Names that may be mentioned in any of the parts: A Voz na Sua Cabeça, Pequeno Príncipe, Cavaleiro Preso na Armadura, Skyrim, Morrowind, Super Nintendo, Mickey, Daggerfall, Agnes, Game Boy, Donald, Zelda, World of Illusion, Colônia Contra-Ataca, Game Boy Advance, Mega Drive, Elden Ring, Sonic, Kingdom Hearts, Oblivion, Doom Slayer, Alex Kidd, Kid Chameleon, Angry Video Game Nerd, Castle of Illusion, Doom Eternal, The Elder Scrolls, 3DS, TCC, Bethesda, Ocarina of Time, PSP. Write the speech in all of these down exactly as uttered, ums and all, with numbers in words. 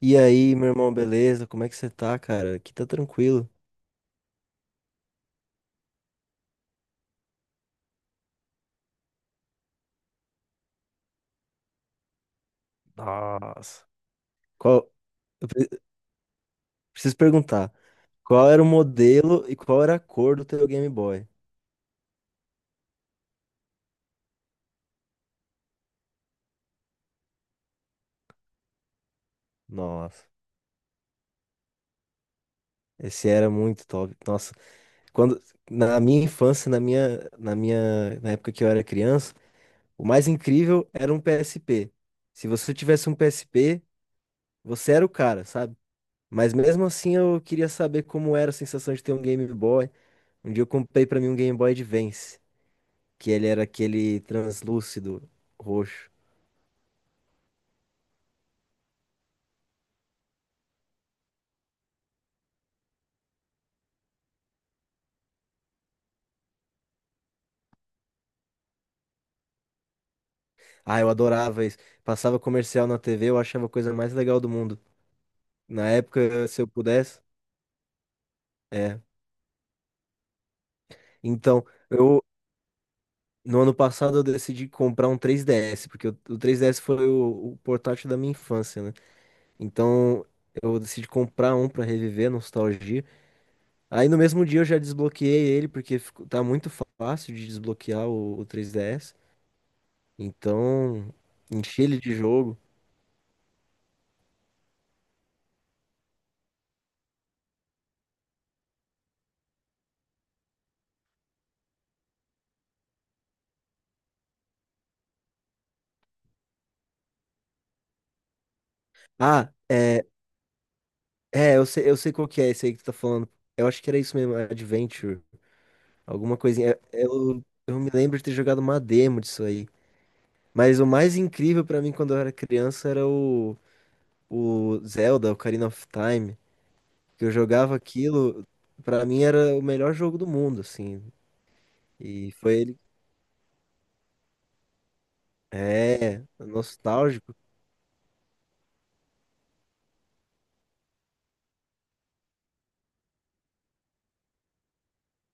E aí, meu irmão, beleza? Como é que você tá, cara? Aqui tá tranquilo. Nossa. Qual... Eu pre- preciso perguntar, qual era o modelo e qual era a cor do teu Game Boy? Nossa, esse era muito top. Nossa, quando na minha infância, na minha, na minha, na época que eu era criança, o mais incrível era um P S P. Se você tivesse um P S P, você era o cara, sabe? Mas mesmo assim, eu queria saber como era a sensação de ter um Game Boy. Um dia eu comprei pra mim um Game Boy Advance. Que ele era aquele translúcido roxo. Ah, eu adorava isso. Passava comercial na T V, eu achava a coisa mais legal do mundo. Na época, se eu pudesse, é. Então, eu no ano passado eu decidi comprar um três D S, porque o, o três D S foi o, o portátil da minha infância, né? Então, eu decidi comprar um pra reviver a nostalgia. Aí no mesmo dia eu já desbloqueei ele, porque ficou- tá muito fácil de desbloquear o, o três D S. Então, enchi ele de jogo. Ah, é. É, eu sei, eu sei qual que é esse aí que tu tá falando. Eu acho que era isso mesmo, Adventure. Alguma coisinha. É. Eu, eu me lembro de ter jogado uma demo disso aí. Mas o mais incrível pra mim quando eu era criança era o, o Zelda, Ocarina of Time. Que eu jogava aquilo, pra mim era o melhor jogo do mundo, assim. E foi ele. É, nostálgico.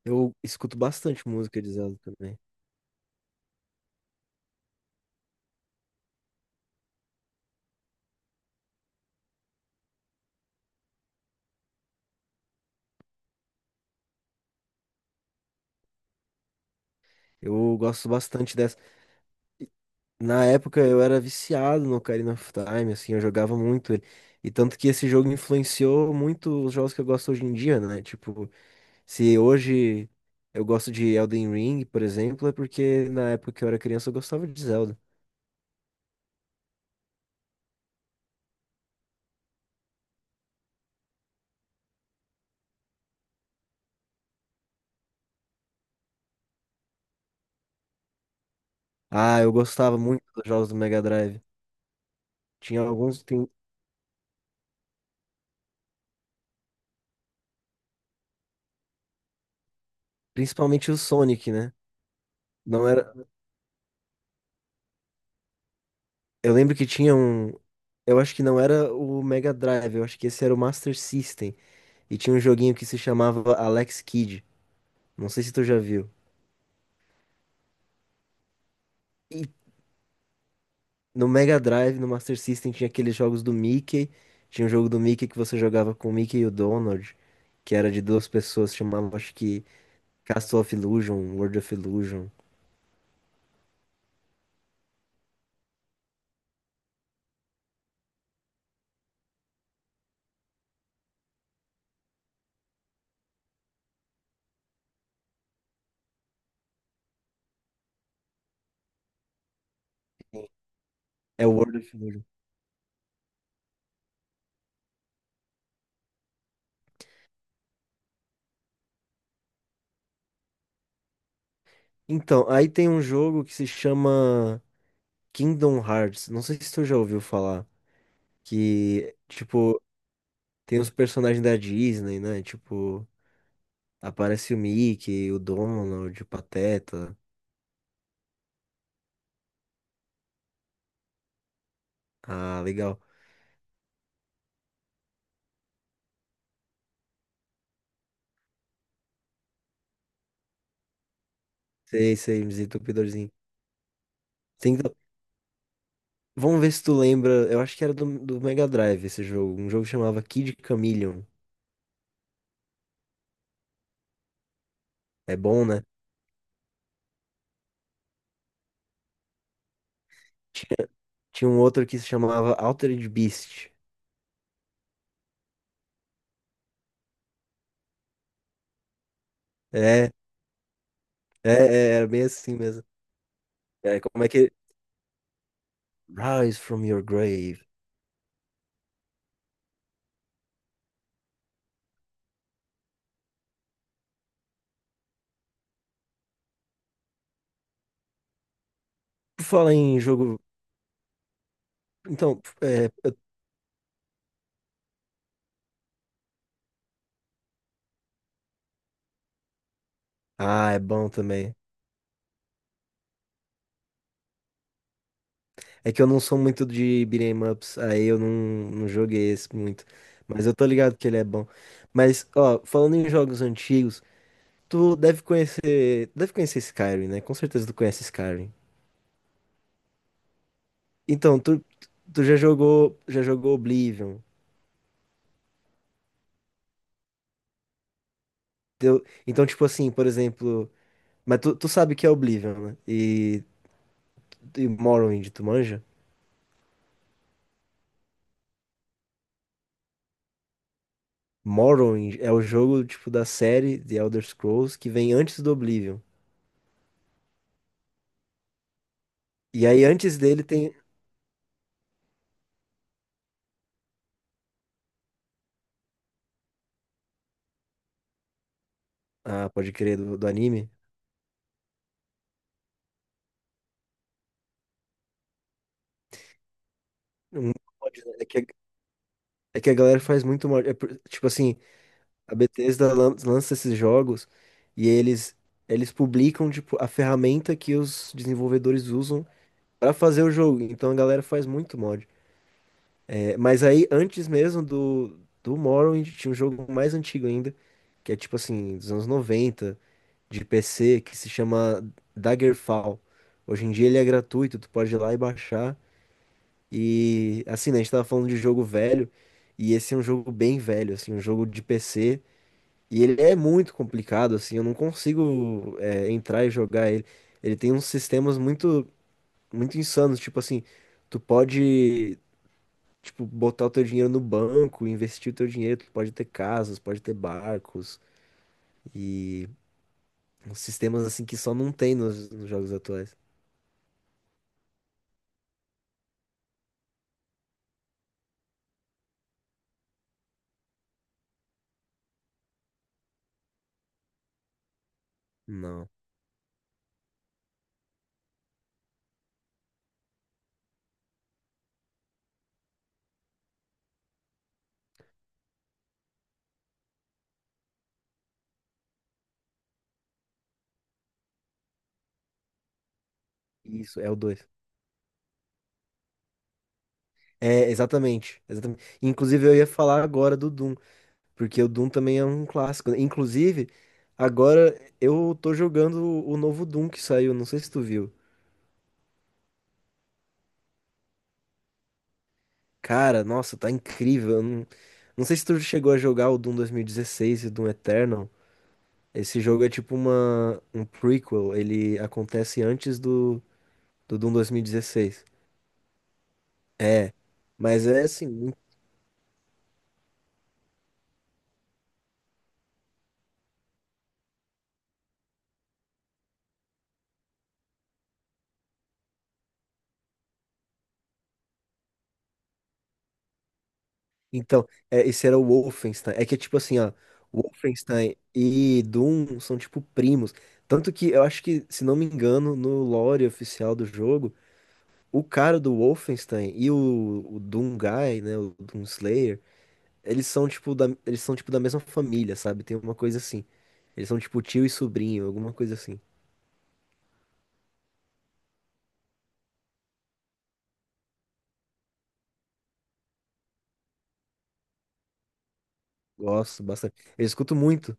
Eu escuto bastante música de Zelda também. Eu gosto bastante. Na época eu era viciado no Ocarina of Time, assim, eu jogava muito ele. E tanto que esse jogo influenciou muito os jogos que eu gosto hoje em dia, né? Tipo, se hoje eu gosto de Elden Ring, por exemplo, é porque na época que eu era criança eu gostava de Zelda. Ah, eu gostava muito dos jogos do Mega Drive. Tinha alguns, tem- principalmente o Sonic, né? Não era, eu lembro que tinha um, eu acho que não era o Mega Drive, eu acho que esse era o Master System e tinha um joguinho que se chamava Alex Kidd. Não sei se tu já viu. E no Mega Drive, no Master System, tinha aqueles jogos do Mickey. Tinha um jogo do Mickey que você jogava com o Mickey e o Donald, que era de duas pessoas, chamava, acho que Castle of Illusion, World of Illusion. É World of Illusion. Então, aí tem um jogo que se chama Kingdom Hearts. Não sei se tu já ouviu falar. Que, tipo, tem os personagens da Disney, né? Tipo, aparece o Mickey, o Donald, o Pateta. Ah, legal. Sei, sei, Mizzy Entupidorzinho. Tem. Vamos ver se tu lembra. Eu acho que era do, do Mega Drive esse jogo. Um jogo que chamava Kid Chameleon. É bom, né? Tinha, tinha um outro que se chamava Altered Beast. É, é, é, era bem assim mesmo. É, como é que. Rise from your grave. Por falar em jogo. Então, é, eu- ah, é bom também. É que eu não sou muito de beat'em ups, aí eu não, não joguei esse muito. Mas eu tô ligado que ele é bom. Mas, ó, falando em jogos antigos. Tu deve conhecer, deve conhecer Skyrim, né? Com certeza tu conhece Skyrim. Então, tu, tu já jogou, já jogou Oblivion. Teu- então, tipo assim, por exemplo, mas tu, tu sabe que é Oblivion, né? E, e Morrowind, tu manja? Morrowind é o jogo, tipo, da série The Elder Scrolls que vem antes do Oblivion. E aí, antes dele tem... Ah, pode crer, do, do anime. Um mod, né? É que, a- é que a galera faz muito mod. É por- tipo assim, a Bethesda lan- lança esses jogos e eles eles publicam tipo a ferramenta que os desenvolvedores usam pra fazer o jogo. Então a galera faz muito mod. É, mas aí antes mesmo do do Morrowind tinha um jogo mais antigo ainda, que é tipo assim, dos anos noventa de P C, que se chama Daggerfall. Hoje em dia ele é gratuito, tu pode ir lá e baixar. E assim, né, a gente tava falando de jogo velho, e esse é um jogo bem velho, assim, um jogo de P C. E ele é muito complicado, assim, eu não consigo, é, entrar e jogar ele. Ele tem uns sistemas muito, muito insanos, tipo assim, tu pode, tipo, botar o teu dinheiro no banco, investir o teu dinheiro, tu pode ter casas, pode ter barcos, e uns sistemas, assim, que só não tem nos, nos jogos atuais. Não. Isso, é o dois. É, exatamente, exatamente. Inclusive, eu ia falar agora do Doom. Porque o Doom também é um clássico, né? Inclusive, agora eu tô jogando o o novo Doom que saiu, não sei se tu viu. Cara, nossa, tá incrível. Eu Não, não sei se tu chegou a jogar o Doom dois mil e dezesseis e o Doom Eternal. Esse jogo é tipo uma, um prequel, ele acontece antes do, do Doom dois mil e dezesseis. Mas é assim. Então, é, esse era o Wolfenstein. É que, tipo assim, ó, Wolfenstein e Doom são, tipo, primos. Tanto que eu acho que, se não me engano, no lore oficial do jogo, o cara do Wolfenstein e o, o Doom Guy, né, o Doom Slayer, eles são, tipo, da, eles são, tipo, da mesma família, sabe? Tem uma coisa assim. Eles são, tipo, tio e sobrinho, alguma coisa assim. Gosto bastante. Eu escuto muito.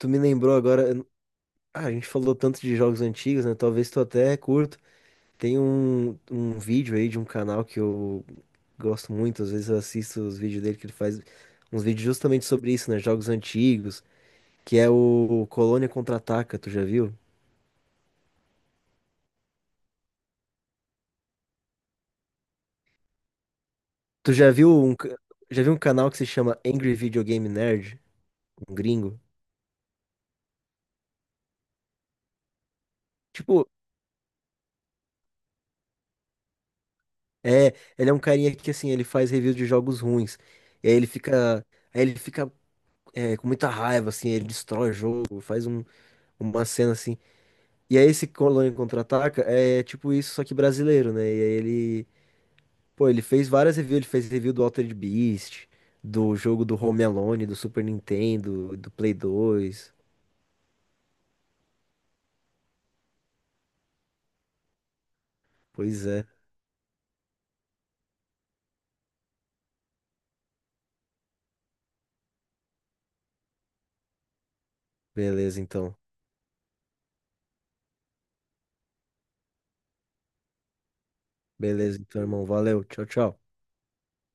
Tu me lembrou agora... eu não- Ah, a gente falou tanto de jogos antigos, né? Talvez tu até curto. Tem um, um vídeo aí de um canal que eu gosto muito, às vezes eu assisto os vídeos dele que ele faz uns vídeos justamente sobre isso, né? Jogos antigos, que é o Colônia Contra-Ataca, tu já viu? Tu já viu um, ca- já viu um canal que se chama Angry Video Game Nerd, um gringo? Tipo, é, ele é um carinha que assim, ele faz review de jogos ruins. E aí ele fica, aí ele fica, é, com muita raiva, assim, ele destrói o jogo, faz um, uma cena assim. E aí esse Colônia Contra-Ataca é tipo isso, só que brasileiro, né? E aí ele, pô, ele fez várias reviews, ele fez review do Altered Beast, do jogo do Home Alone, do Super Nintendo, do Play dois. Pois é. Beleza, então. Beleza, então, irmão. Valeu. Tchau, tchau.